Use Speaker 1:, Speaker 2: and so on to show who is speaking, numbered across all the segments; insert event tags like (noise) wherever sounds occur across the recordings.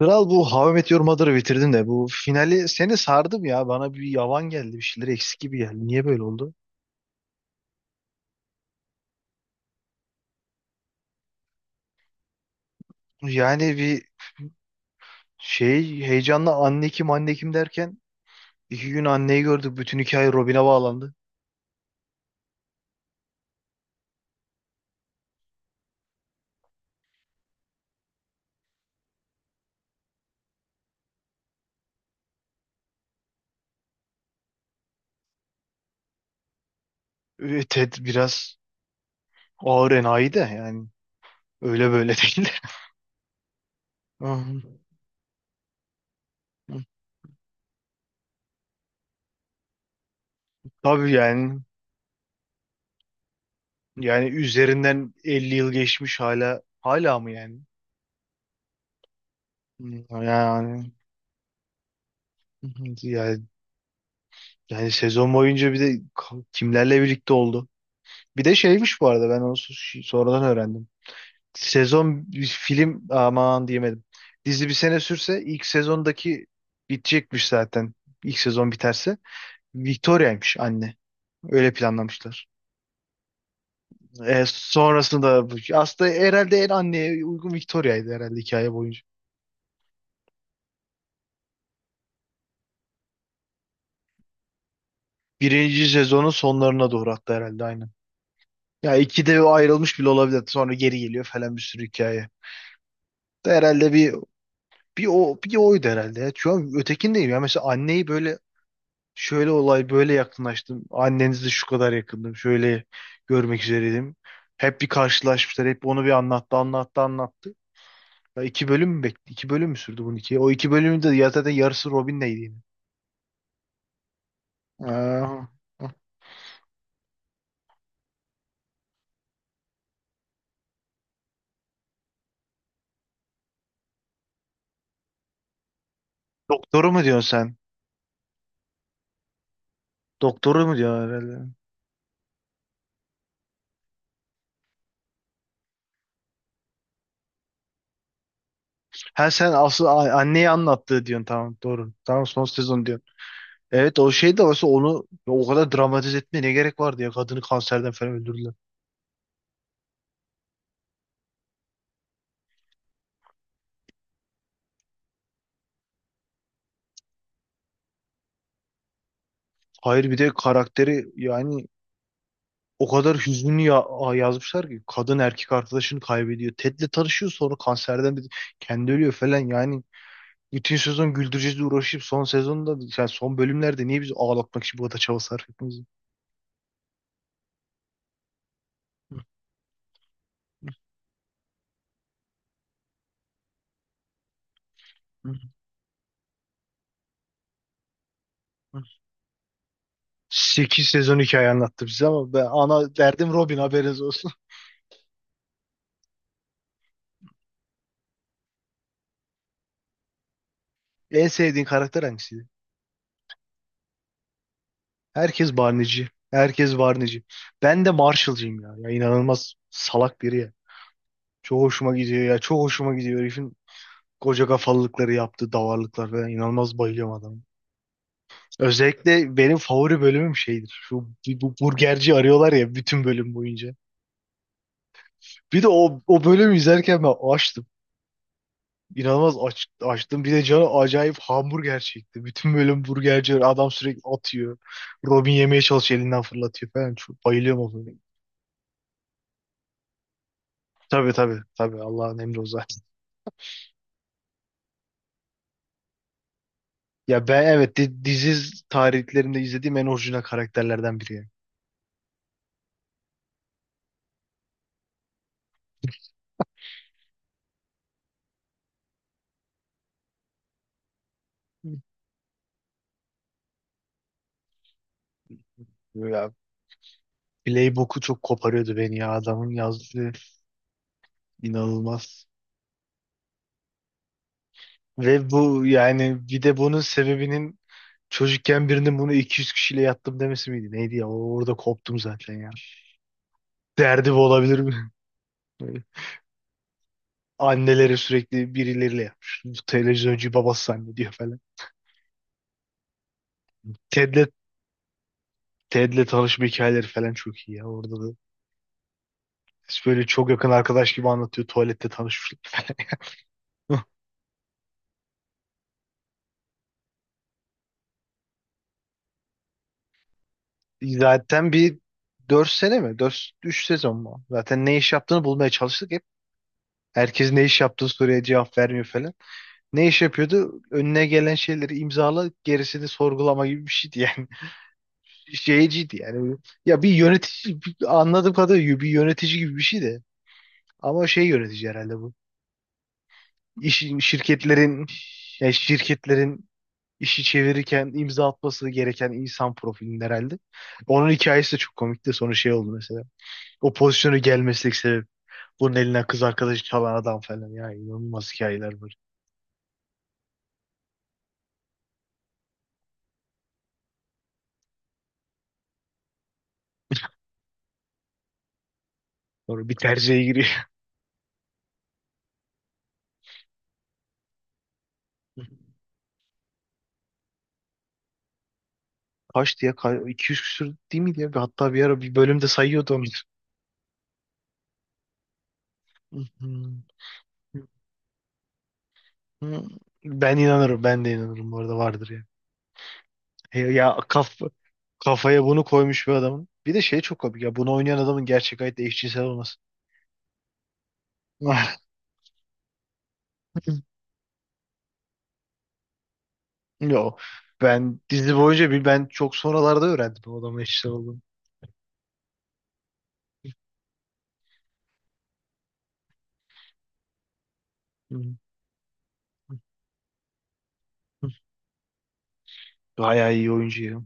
Speaker 1: Kral bu How I Met Your Mother'ı bitirdin de bu finali seni sardım ya. Bana bir yavan geldi, bir şeyler eksik gibi geldi. Niye böyle oldu? Yani bir şey heyecanla anne kim, anne kim derken iki gün anneyi gördük. Bütün hikaye Robin'e bağlandı. Ted biraz ağır enayi de, yani öyle böyle değil. (laughs) Hı hı. Tabii yani üzerinden 50 yıl geçmiş, hala mı yani? Hı. Yani yani, yani sezon boyunca bir de kimlerle birlikte oldu? Bir de şeymiş bu arada, ben onu sonradan öğrendim. Sezon bir film aman diyemedim. Dizi bir sene sürse ilk sezondaki bitecekmiş zaten. İlk sezon biterse. Victoria'ymış anne. Öyle planlamışlar. Sonrasında aslında herhalde en anneye uygun Victoria'ydı herhalde hikaye boyunca. Birinci sezonun sonlarına doğru hatta, herhalde aynen. Ya ikide ayrılmış bile olabilir. Sonra geri geliyor falan, bir sürü hikaye. Herhalde bir o bir oydu herhalde, ya. Şu an ötekindeyim ya. Mesela anneyi böyle. Şöyle olay, böyle yakınlaştım. Annenizi şu kadar yakındım. Şöyle görmek üzereydim. Hep bir karşılaşmışlar. Hep onu bir anlattı, anlattı, anlattı. Ya iki bölüm mü, bekle? İki bölüm mü sürdü bunun, iki? O iki bölümün de ya zaten yarısı Robin'leydi yine. Aa. Doktoru mu diyorsun sen? Doktoru mu diyorsun herhalde? Ha sen asıl anneyi anlattığı diyorsun, tamam doğru. Tamam, son sezon diyorsun. Evet, o şey de varsa onu ya, o kadar dramatize etmeye ne gerek vardı ya, kadını kanserden falan öldürdüler. Hayır, bir de karakteri yani. O kadar hüzünlü ya yazmışlar ki, kadın erkek arkadaşını kaybediyor. Ted'le tanışıyor, sonra kanserden kendi ölüyor falan yani. Bütün sezon güldüreceğiz diye uğraşıp son sezonda, yani son bölümlerde niye bizi ağlatmak için bu kadar çaba sarf ettiğimizi. 8 sezon hikaye anlattı bize ama ben ana derdim Robin, haberiniz olsun. (laughs) En sevdiğin karakter hangisiydi? Herkes Barney'ci. Herkes Barney'ci. Ben de Marshall'cıyım ya. Ya inanılmaz salak biri ya. Çok hoşuma gidiyor ya. Çok hoşuma gidiyor herifin. Koca kafalılıkları yaptı, davarlıklar falan, inanılmaz bayılıyorum adamı. Özellikle benim favori bölümüm şeydir. Şu bu burgerci arıyorlar ya bütün bölüm boyunca. Bir de o bölümü izlerken ben açtım. İnanılmaz açtım. Bir de canı acayip hamburger çekti. Bütün bölüm burgerci adam sürekli atıyor. Robin yemeye çalışıyor, elinden fırlatıyor falan. Çok bayılıyorum o bölümü. Tabii tabii tabii, Allah'ın emri o zaten. Ya ben evet, dizi tarihlerinde izlediğim en orijinal karakterlerden biri, yani. Ya Playbook'u çok koparıyordu beni ya, adamın yazdığı inanılmaz. Ve bu yani, bir de bunun sebebinin çocukken birinin bunu 200 kişiyle yattım demesi miydi? Neydi ya? Orada koptum zaten ya. Derdi bu olabilir mi? (laughs) Böyle anneleri sürekli birileriyle yapmış. Bu televizyoncu babası zannediyor falan. Ted'le Ted'le tanışma hikayeleri falan çok iyi ya, orada da. Böyle çok yakın arkadaş gibi anlatıyor. Tuvalette tanışmışlar falan. (laughs) Zaten bir 4 sene mi? Dört 3 sezon mu? Zaten ne iş yaptığını bulmaya çalıştık. Herkes ne iş yaptığı soruya cevap vermiyor falan. Ne iş yapıyordu? Önüne gelen şeyleri imzala, gerisini sorgulama gibi bir şeydi yani. (laughs) Şeyciydi yani. Ya bir yönetici, anladığım kadarıyla bir yönetici gibi bir şeydi. Ama şey yönetici herhalde bu. İş, şirketlerin, yani şirketlerin işi çevirirken imza atması gereken insan profilinin herhalde. Onun hikayesi de çok komikti. Sonra şey oldu mesela. O pozisyonu gelmesek sebep. Bunun elinden kız arkadaşı çalan adam falan. Ya inanılmaz hikayeler var. Sonra bir terziye giriyor. Kaçtı ya? 200 küsür değil miydi ya? Hatta bir ara bir bölümde sayıyordu onu. Hı hı. Hı. Ben inanırım. Ben de inanırım. Bu arada vardır ya. Ya kafaya bunu koymuş bir adamın. Bir de şey çok komik ya. Bunu oynayan adamın gerçek hayatta eşcinsel olması. (laughs) Yo. Ben dizi boyunca, bir ben çok sonralarda öğrendim o adamın eşcinsel olduğunu. Hı hı. Bayağı iyi oyuncu ya.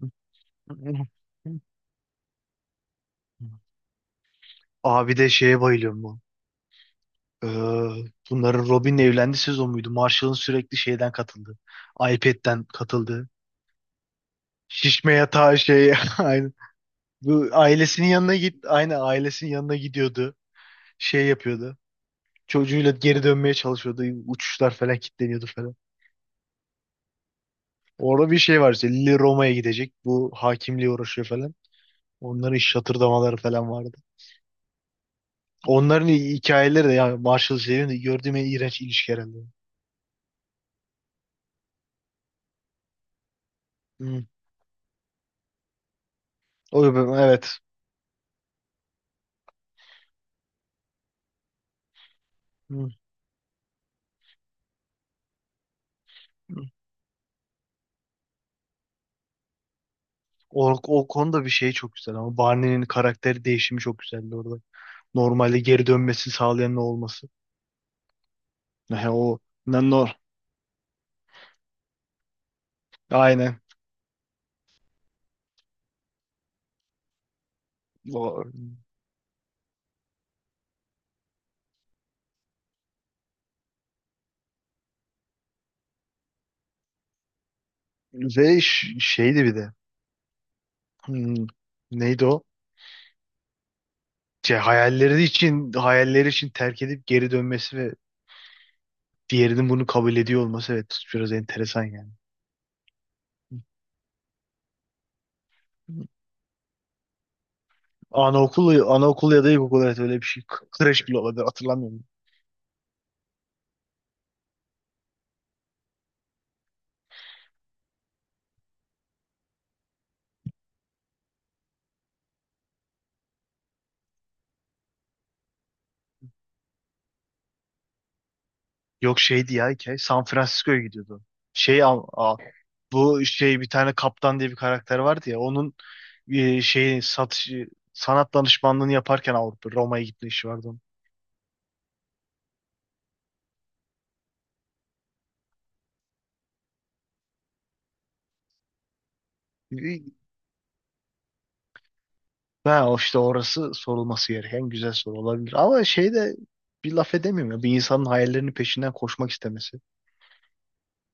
Speaker 1: (laughs) Hı hı. Abi de şeye bayılıyorum bu. Ee, Bunların Robin'le evlendiği sezon muydu? Marshall'ın sürekli şeyden katıldı. iPad'den katıldı. Şişme yatağı şey (laughs) aynı. Bu ailesinin yanına git. Aynı ailesinin yanına gidiyordu. Şey yapıyordu. Çocuğuyla geri dönmeye çalışıyordu. Uçuşlar falan kilitleniyordu falan. Orada bir şey var işte. Lily Roma'ya gidecek. Bu hakimliğe uğraşıyor falan. Onların iş şatırdamaları falan vardı. Onların hikayeleri de yani, Marshall şeyin de gördüğüm en iğrenç ilişki herhalde. Hı. O, evet. Hı. O konuda bir şey çok güzel, ama Barney'nin karakteri değişimi çok güzeldi orada. Normalde geri dönmesi sağlayan ne olması. He, o ne nor. Aynen. O, ve şeydi bir de. Hmm, Neydi o? Şey, hayalleri için terk edip geri dönmesi ve diğerinin bunu kabul ediyor olması, evet biraz enteresan yani. Anaokulu, anaokul ya da ilkokul, evet öyle bir şey. Kreş bile olabilir, hatırlamıyorum. Yok, şeydi ya hikaye. San Francisco'ya gidiyordu. Şey Am- Bu şey, bir tane kaptan diye bir karakter vardı ya, onun şeyi satış sanat danışmanlığını yaparken Avrupa Roma'ya gitme işi vardı onun. E, Ha, o işte orası sorulması gereken güzel soru olabilir. Ama şey de bir laf edemiyorum ya. Bir insanın hayallerinin peşinden koşmak istemesi.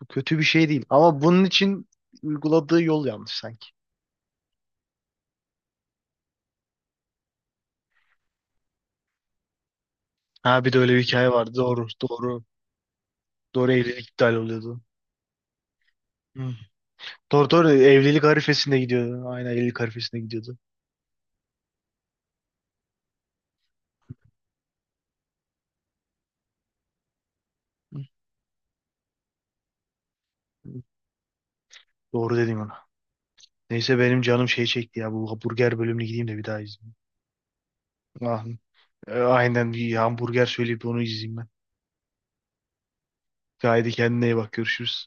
Speaker 1: Bu kötü bir şey değil. Ama bunun için uyguladığı yol yanlış sanki. Ha bir de öyle bir hikaye vardı. Doğru, doğru. Doğru, evlilik iptal oluyordu. Hı. Doğru doğru, evlilik arifesinde gidiyordu. Aynen, evlilik arifesinde gidiyordu. Hı. Doğru dedim ona. Neyse benim canım şey çekti ya. Bu hamburger bölümüne gideyim de bir daha izleyeyim. Ah, aynen bir hamburger söyleyip onu izleyeyim ben. Haydi kendine iyi bak. Görüşürüz.